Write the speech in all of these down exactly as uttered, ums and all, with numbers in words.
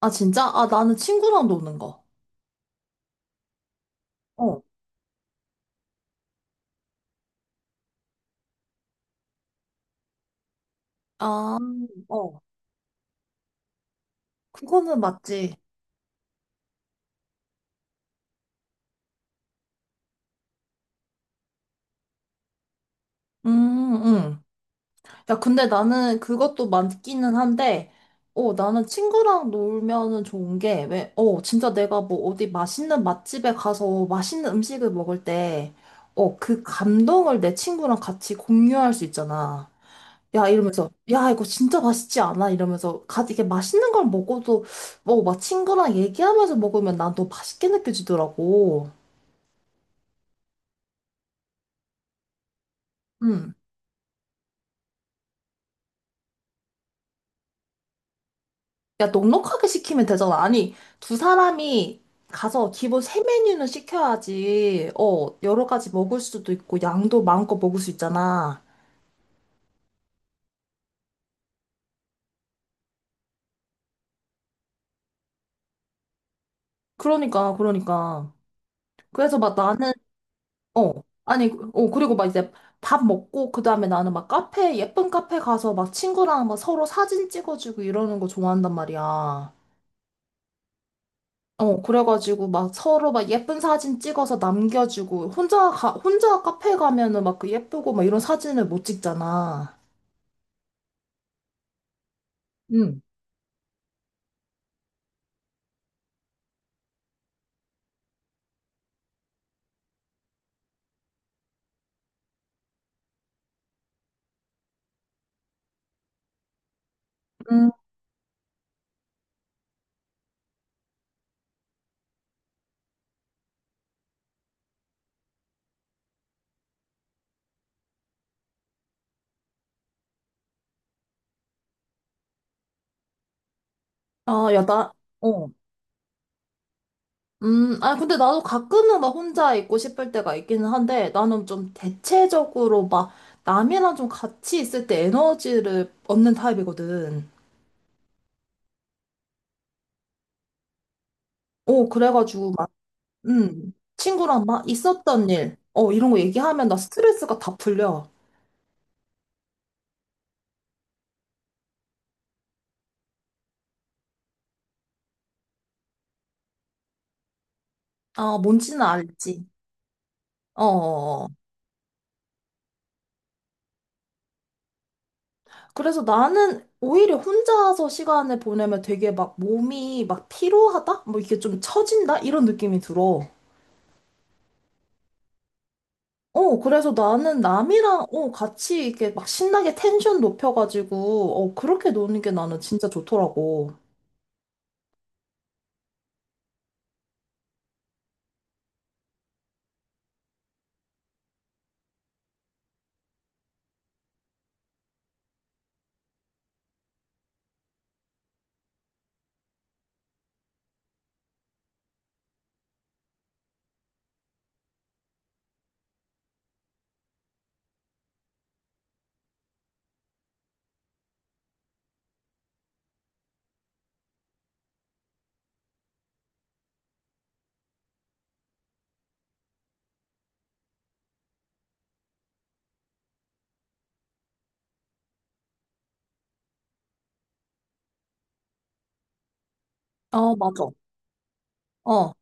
아, 진짜? 아, 나는 친구랑 노는 거. 어, 아, 어, 그거는 맞지. 음, 음. 야, 근데 나는 그것도 맞기는 한데, 어, 나는 친구랑 놀면은 좋은 게, 왜, 어, 진짜 내가 뭐 어디 맛있는 맛집에 가서 맛있는 음식을 먹을 때, 어, 그 감동을 내 친구랑 같이 공유할 수 있잖아. 야, 이러면서, 야, 이거 진짜 맛있지 않아? 이러면서, 가, 이게 맛있는 걸 먹어도, 뭐, 막 친구랑 얘기하면서 먹으면 난 더 맛있게 느껴지더라고. 음. 야, 넉넉하게 시키면 되잖아. 아니, 두 사람이 가서 기본 세 메뉴는 시켜야지, 어, 여러 가지 먹을 수도 있고, 양도 마음껏 먹을 수 있잖아. 그러니까, 그러니까. 그래서 막 나는, 어. 아니, 어, 그리고 막 이제 밥 먹고, 그 다음에 나는 막 카페, 예쁜 카페 가서 막 친구랑 막 서로 사진 찍어주고 이러는 거 좋아한단 말이야. 어, 그래가지고 막 서로 막 예쁜 사진 찍어서 남겨주고, 혼자 가, 혼자 카페 가면은 막 그 예쁘고 막 이런 사진을 못 찍잖아. 응. 음, 아, 야, 나, 어. 음, 아, 근데 나도 가끔은 막 혼자 있고 싶을 때가 있기는 한데, 나는 좀 대체적으로 막 남이랑 좀 같이 있을 때 에너지를 얻는 타입이거든. 어, 그래가지고 막, 음, 친구랑 막 있었던 일, 어, 이런 거 얘기하면 나 스트레스가 다 풀려. 아, 뭔지는 알지. 어, 어, 어. 그래서 나는 오히려 혼자서 시간을 보내면 되게 막 몸이 막 피로하다? 뭐 이게 좀 처진다? 이런 느낌이 들어. 어, 그래서 나는 남이랑, 어, 같이 이렇게 막 신나게 텐션 높여가지고, 어, 그렇게 노는 게 나는 진짜 좋더라고. 어, 맞아. 어.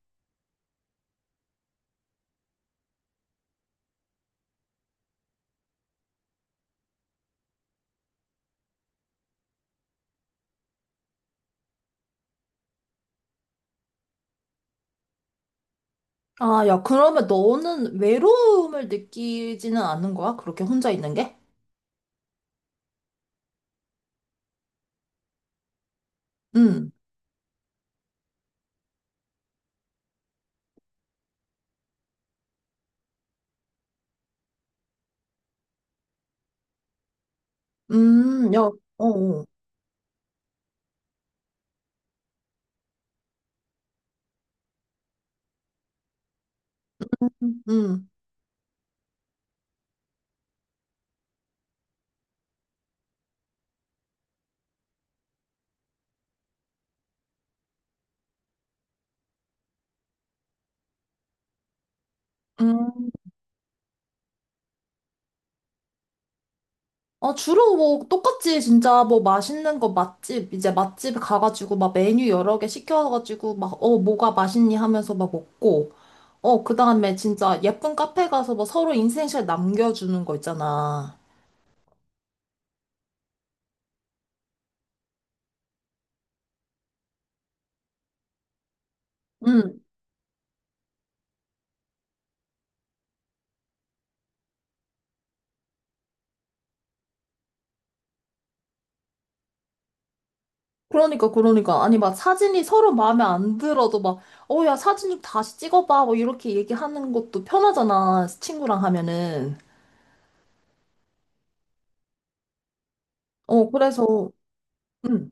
아, 야, 그러면 너는 외로움을 느끼지는 않는 거야? 그렇게 혼자 있는 게? 응, 음, 야, 어, 어, 음, 음. 아 주로 뭐, 똑같지, 진짜. 뭐, 맛있는 거 맛집, 이제 맛집 가가지고, 막 메뉴 여러 개 시켜가지고, 막, 어, 뭐가 맛있니 하면서 막 먹고, 어, 그 다음에 진짜 예쁜 카페 가서 뭐 서로 인생샷 남겨주는 거 있잖아. 응, 그러니까, 그러니까. 아니, 막 사진이 서로 마음에 안 들어도 막, 어, 야, 사진 좀 다시 찍어봐. 뭐 이렇게 얘기하는 것도 편하잖아. 친구랑 하면은. 어, 그래서, 응.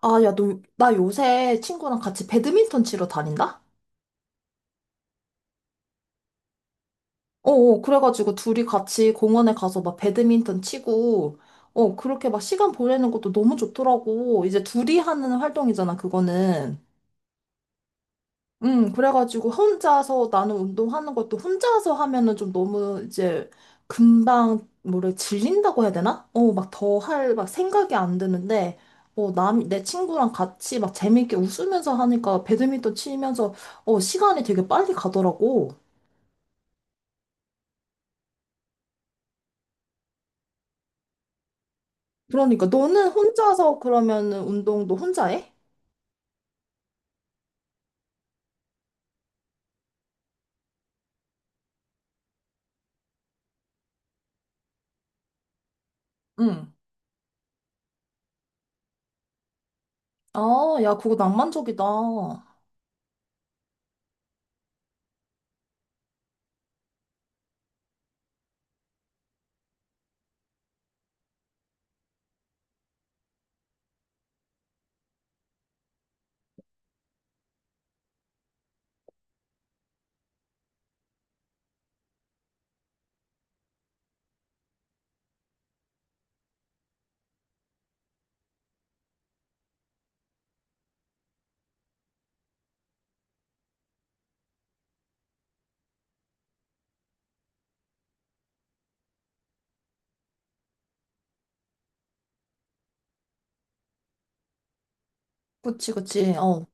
아, 야, 너, 나 요새 친구랑 같이 배드민턴 치러 다닌다? 어, 어, 그래가지고 둘이 같이 공원에 가서 막 배드민턴 치고, 어, 그렇게 막 시간 보내는 것도 너무 좋더라고. 이제 둘이 하는 활동이잖아, 그거는. 음, 그래가지고 혼자서 나는 운동하는 것도 혼자서 하면은 좀 너무 이제 금방 뭐래 질린다고 해야 되나? 어, 막 더 할 막 생각이 안 드는데 어, 남, 내 친구랑 같이 막 재밌게 웃으면서 하니까 배드민턴 치면서 어, 시간이 되게 빨리 가더라고. 그러니까 너는 혼자서 그러면은 운동도 혼자 해? 응. 아, 야, 그거 낭만적이다. 그치, 그치. 어.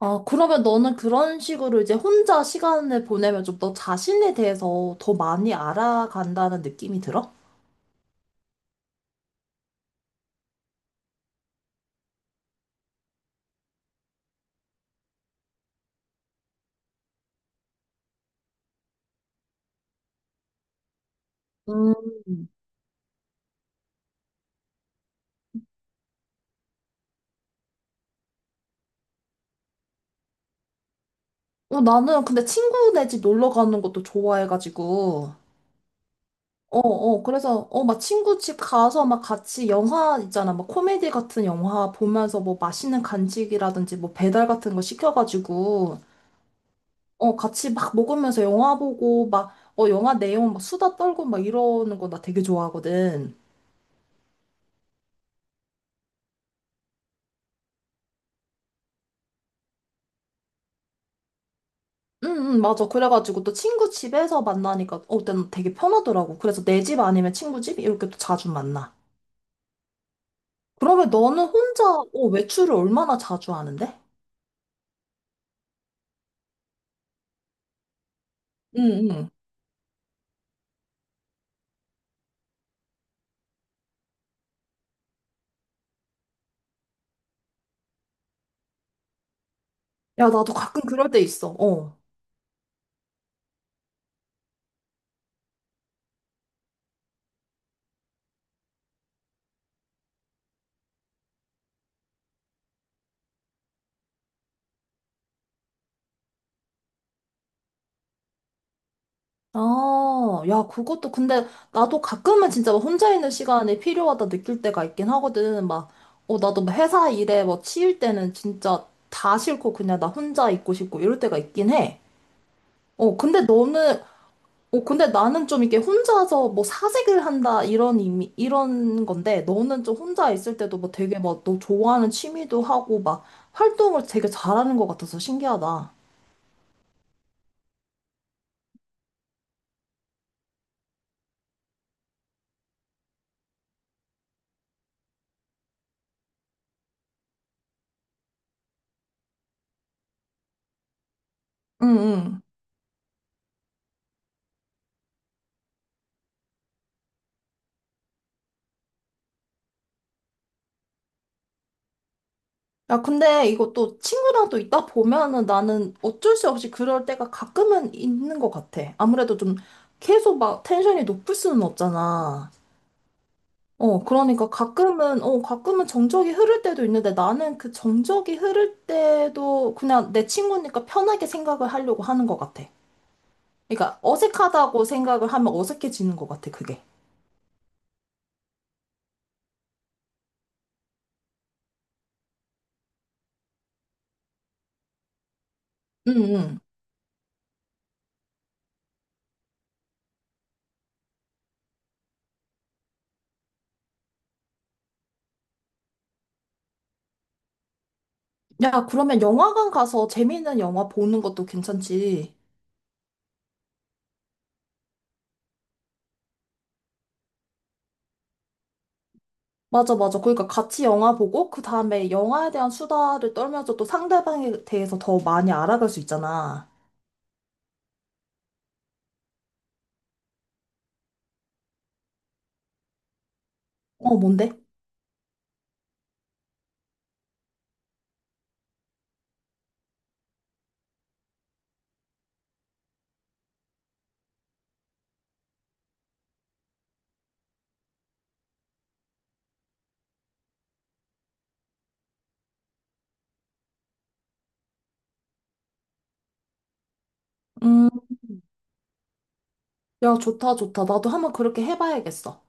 아, 그러면 너는 그런 식으로 이제 혼자 시간을 보내면 좀 너 자신에 대해서 더 많이 알아간다는 느낌이 들어? 음. 어, 나는 근데 친구네 집 놀러 가는 것도 좋아해가지고. 어, 어, 그래서, 어, 막 친구 집 가서 막 같이 영화 있잖아. 막 코미디 같은 영화 보면서 뭐 맛있는 간식이라든지 뭐 배달 같은 거 시켜가지고, 어, 같이 막 먹으면서 영화 보고 막, 어, 영화 내용 막 수다 떨고 막 이러는 거 나 되게 좋아하거든. 응, 응, 맞아. 그래가지고 또 친구 집에서 만나니까, 어, 때는 되게 편하더라고. 그래서 내 집 아니면 친구 집? 이렇게 또 자주 만나. 그러면 너는 혼자, 어, 외출을 얼마나 자주 하는데? 응, 응. 야, 나도 가끔 그럴 때 있어. 어. 아, 야, 그것도 근데 나도 가끔은 진짜 막 혼자 있는 시간이 필요하다 느낄 때가 있긴 하거든. 막, 어, 나도 막 회사 일에 뭐 치일 때는 진짜 다 싫고 그냥 나 혼자 있고 싶고 이럴 때가 있긴 해. 어, 근데 너는 어, 근데 나는 좀 이렇게 혼자서 뭐 사색을 한다 이런 의미, 이런 건데 너는 좀 혼자 있을 때도 뭐 되게 막 너 좋아하는 취미도 하고 막 활동을 되게 잘하는 것 같아서 신기하다. 응, 응. 야, 근데 이것도 친구랑 또 있다 보면은 나는 어쩔 수 없이 그럴 때가 가끔은 있는 것 같아. 아무래도 좀 계속 막 텐션이 높을 수는 없잖아. 어, 그러니까 가끔은, 어, 가끔은 정적이 흐를 때도 있는데 나는 그 정적이 흐를 때도 그냥 내 친구니까 편하게 생각을 하려고 하는 것 같아. 그러니까 어색하다고 생각을 하면 어색해지는 것 같아, 그게. 응, 응. 야, 그러면 영화관 가서 재미있는 영화 보는 것도 괜찮지. 맞아, 맞아. 그러니까 같이 영화 보고 그 다음에 영화에 대한 수다를 떨면서 또 상대방에 대해서 더 많이 알아갈 수 있잖아. 어, 뭔데? 음, 야, 좋다, 좋다. 나도 한번 그렇게 해봐야겠어.